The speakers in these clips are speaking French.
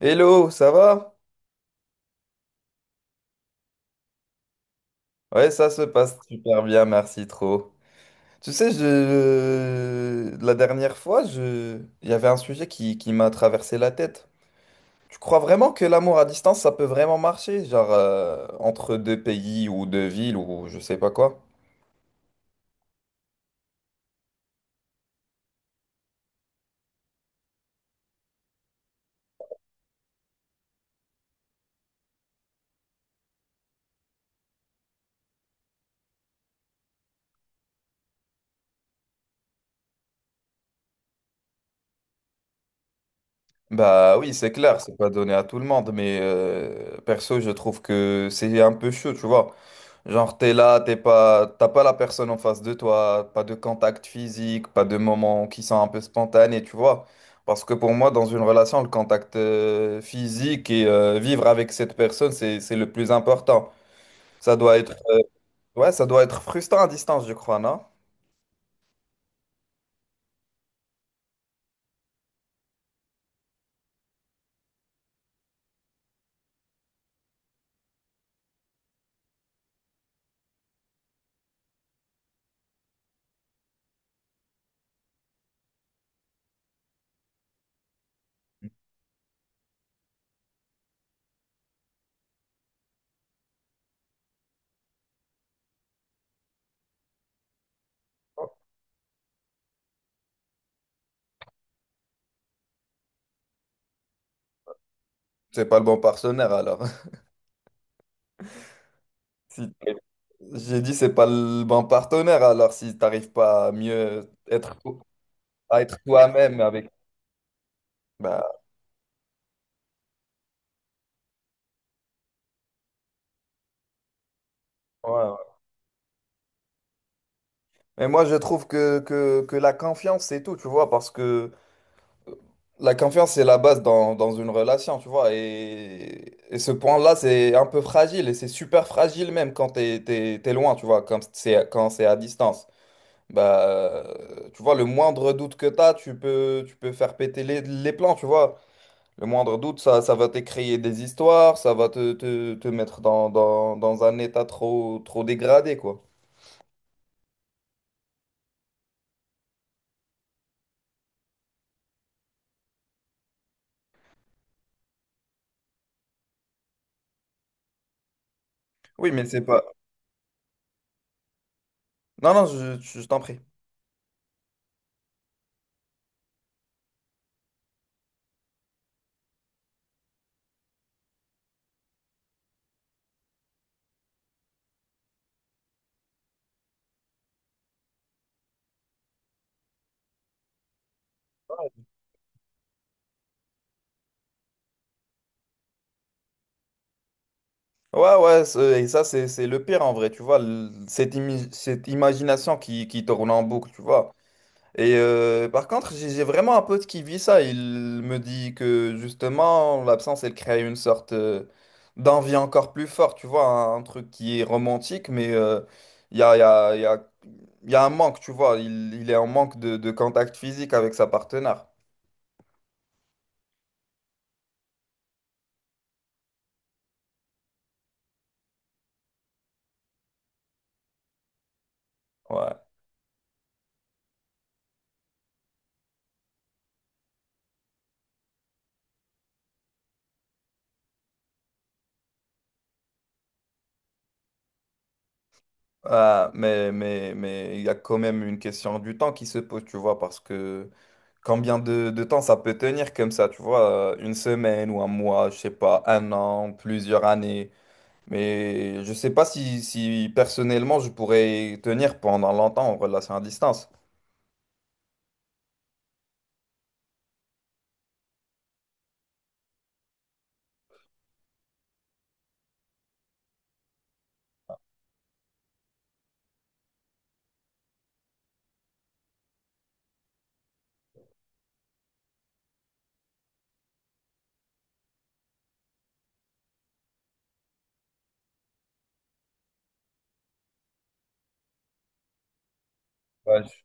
Hello, ça va? Ouais, ça se passe super bien, merci trop. Tu sais, la dernière fois, il y avait un sujet qui m'a traversé la tête. Tu crois vraiment que l'amour à distance, ça peut vraiment marcher? Genre, entre deux pays ou deux villes ou je sais pas quoi? Bah oui, c'est clair, c'est pas donné à tout le monde, mais perso, je trouve que c'est un peu chaud, tu vois. Genre, t'es là, t'es pas, t'as pas la personne en face de toi, pas de contact physique, pas de moments qui sont un peu spontanés, tu vois. Parce que pour moi, dans une relation, le contact physique et vivre avec cette personne, c'est le plus important. Ça doit être, euh, ouais, ça doit être frustrant à distance, je crois, non? C'est pas le bon partenaire alors. Si j'ai dit, c'est pas le bon partenaire alors si t'arrives pas à mieux être, à être toi-même avec. Bah, ouais. Mais moi, je trouve que la confiance, c'est tout, tu vois, parce que la confiance, c'est la base dans une relation, tu vois. Et ce point-là, c'est un peu fragile, et c'est super fragile même quand t'es loin, tu vois, quand c'est à distance. Bah, tu vois, le moindre doute que t'as, tu peux faire péter les plans, tu vois. Le moindre doute, ça va te créer des histoires, ça va te mettre dans un état trop dégradé, quoi. Oui, mais c'est pas... Non, non, je t'en prie. Ouais, ouais, ça, c'est le pire en vrai, tu vois, cette imagination qui tourne en boucle, tu vois. Et par contre, j'ai vraiment un pote qui vit ça. Il me dit que justement, l'absence, elle crée une sorte d'envie encore plus forte, tu vois, un truc qui est romantique, mais il y a, il y a, il y a, il y a un manque, tu vois. Il est en manque de contact physique avec sa partenaire. Ouais. Ah, mais il y a quand même une question du temps qui se pose, tu vois, parce que. Combien de temps ça peut tenir comme ça, tu vois, une semaine ou un mois, je sais pas, un an, plusieurs années. Mais je sais pas si personnellement je pourrais tenir pendant longtemps en relation à distance. Ouais, je,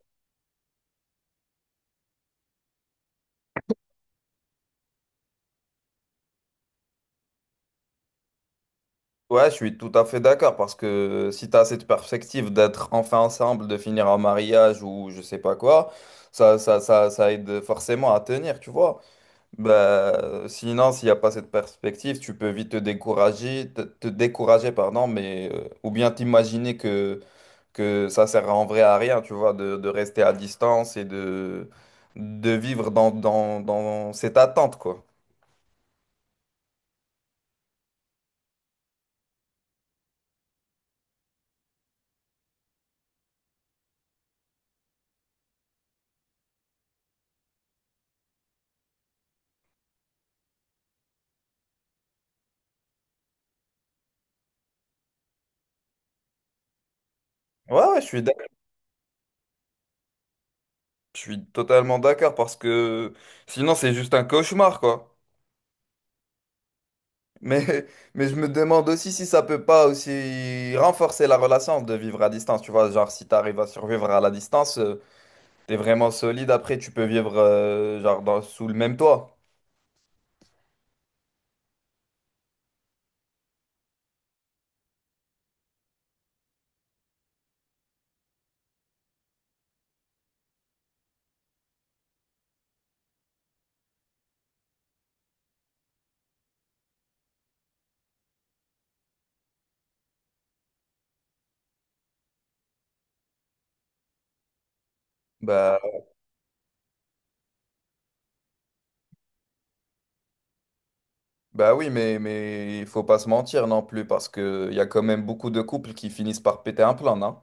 ouais, je suis tout à fait d'accord parce que si tu as cette perspective d'être enfin ensemble, de finir en mariage ou je sais pas quoi, ça aide forcément à tenir, tu vois. Bah, sinon, s'il n'y a pas cette perspective, tu peux vite te décourager, te décourager, pardon, mais, ou bien t'imaginer que ça sert en vrai à rien, tu vois, de rester à distance et de vivre dans cette attente, quoi. Ouais, ouais, je suis totalement d'accord parce que sinon, c'est juste un cauchemar, quoi. Mais, mais je me demande aussi si ça peut pas aussi renforcer la relation de vivre à distance, tu vois, genre si tu arrives à survivre à la distance. T'es vraiment solide, après tu peux vivre genre sous le même toit. Bah, bah oui, mais il faut pas se mentir non plus, parce que il y a quand même beaucoup de couples qui finissent par péter un plan, non?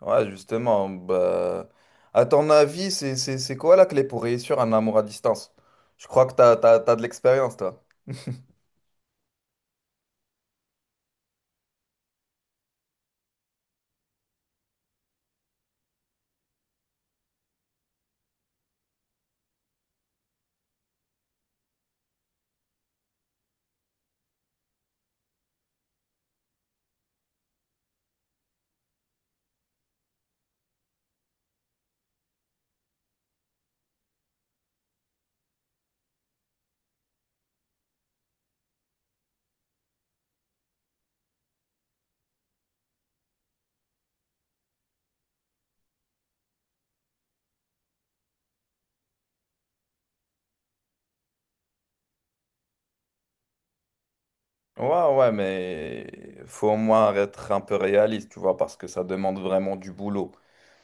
Ouais, justement, bah... À ton avis, c'est quoi la clé pour réussir un amour à distance? Je crois que t'as de l'expérience, toi. Ouais, ouais, mais faut au moins être un peu réaliste, tu vois, parce que ça demande vraiment du boulot.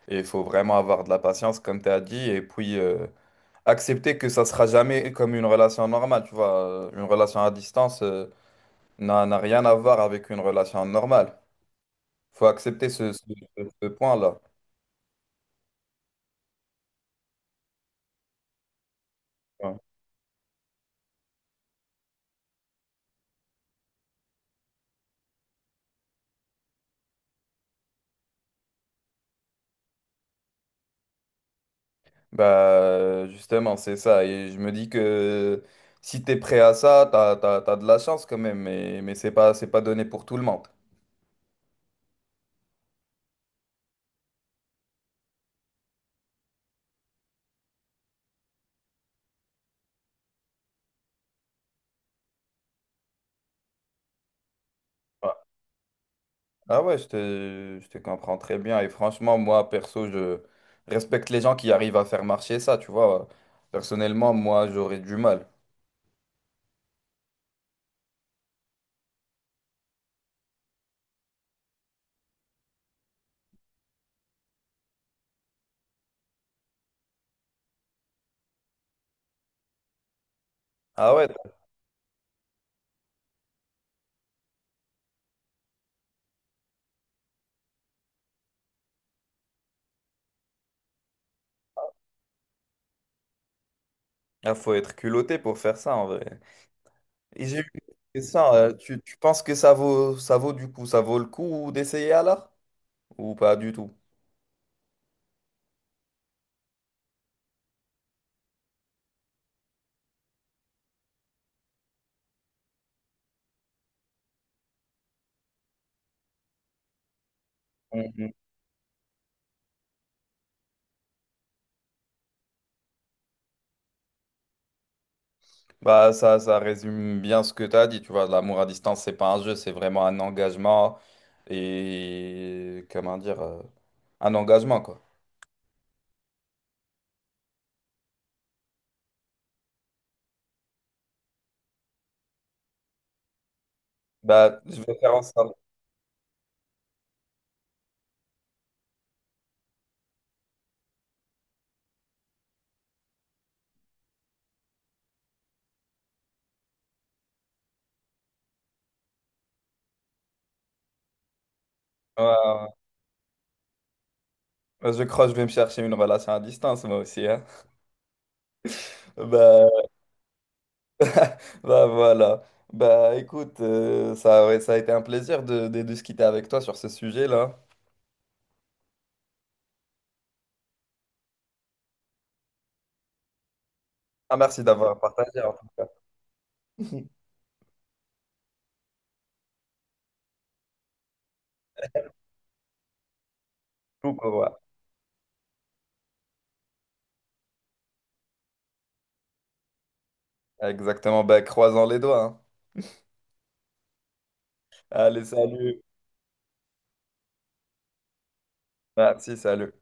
Et il faut vraiment avoir de la patience, comme tu as dit, et puis... accepter que ça sera jamais comme une relation normale, tu vois. Une relation à distance n'a rien à voir avec une relation normale. Faut accepter ce point-là. Ouais. Bah, justement, c'est ça. Et je me dis que si t'es prêt à ça, t'as de la chance quand même, mais c'est pas donné pour tout le monde. Ouais. Ah ouais, je te comprends très bien. Et franchement, moi, perso, je respecte les gens qui arrivent à faire marcher ça, tu vois. Personnellement, moi, j'aurais du mal. Ah ouais, ah, faut être culotté pour faire ça en vrai. Et j'ai eu une question, tu penses que ça vaut, ça vaut le coup d'essayer alors? Ou pas du tout? Mhm. Bah ça, ça résume bien ce que tu as dit, tu vois, l'amour à distance, c'est pas un jeu, c'est vraiment un engagement et comment dire, un engagement quoi. Bah je vais faire en sorte. Ouais, ouais. Ouais. Bah, je crois que je vais me chercher une relation à distance moi aussi, hein. Bah, bah voilà. Bah écoute, ouais, ça a été un plaisir de discuter avec toi sur ce sujet-là. Ah merci d'avoir partagé en tout cas. Tout pour moi. Exactement. Bah croisons les doigts, hein. Allez, salut. Merci, salut.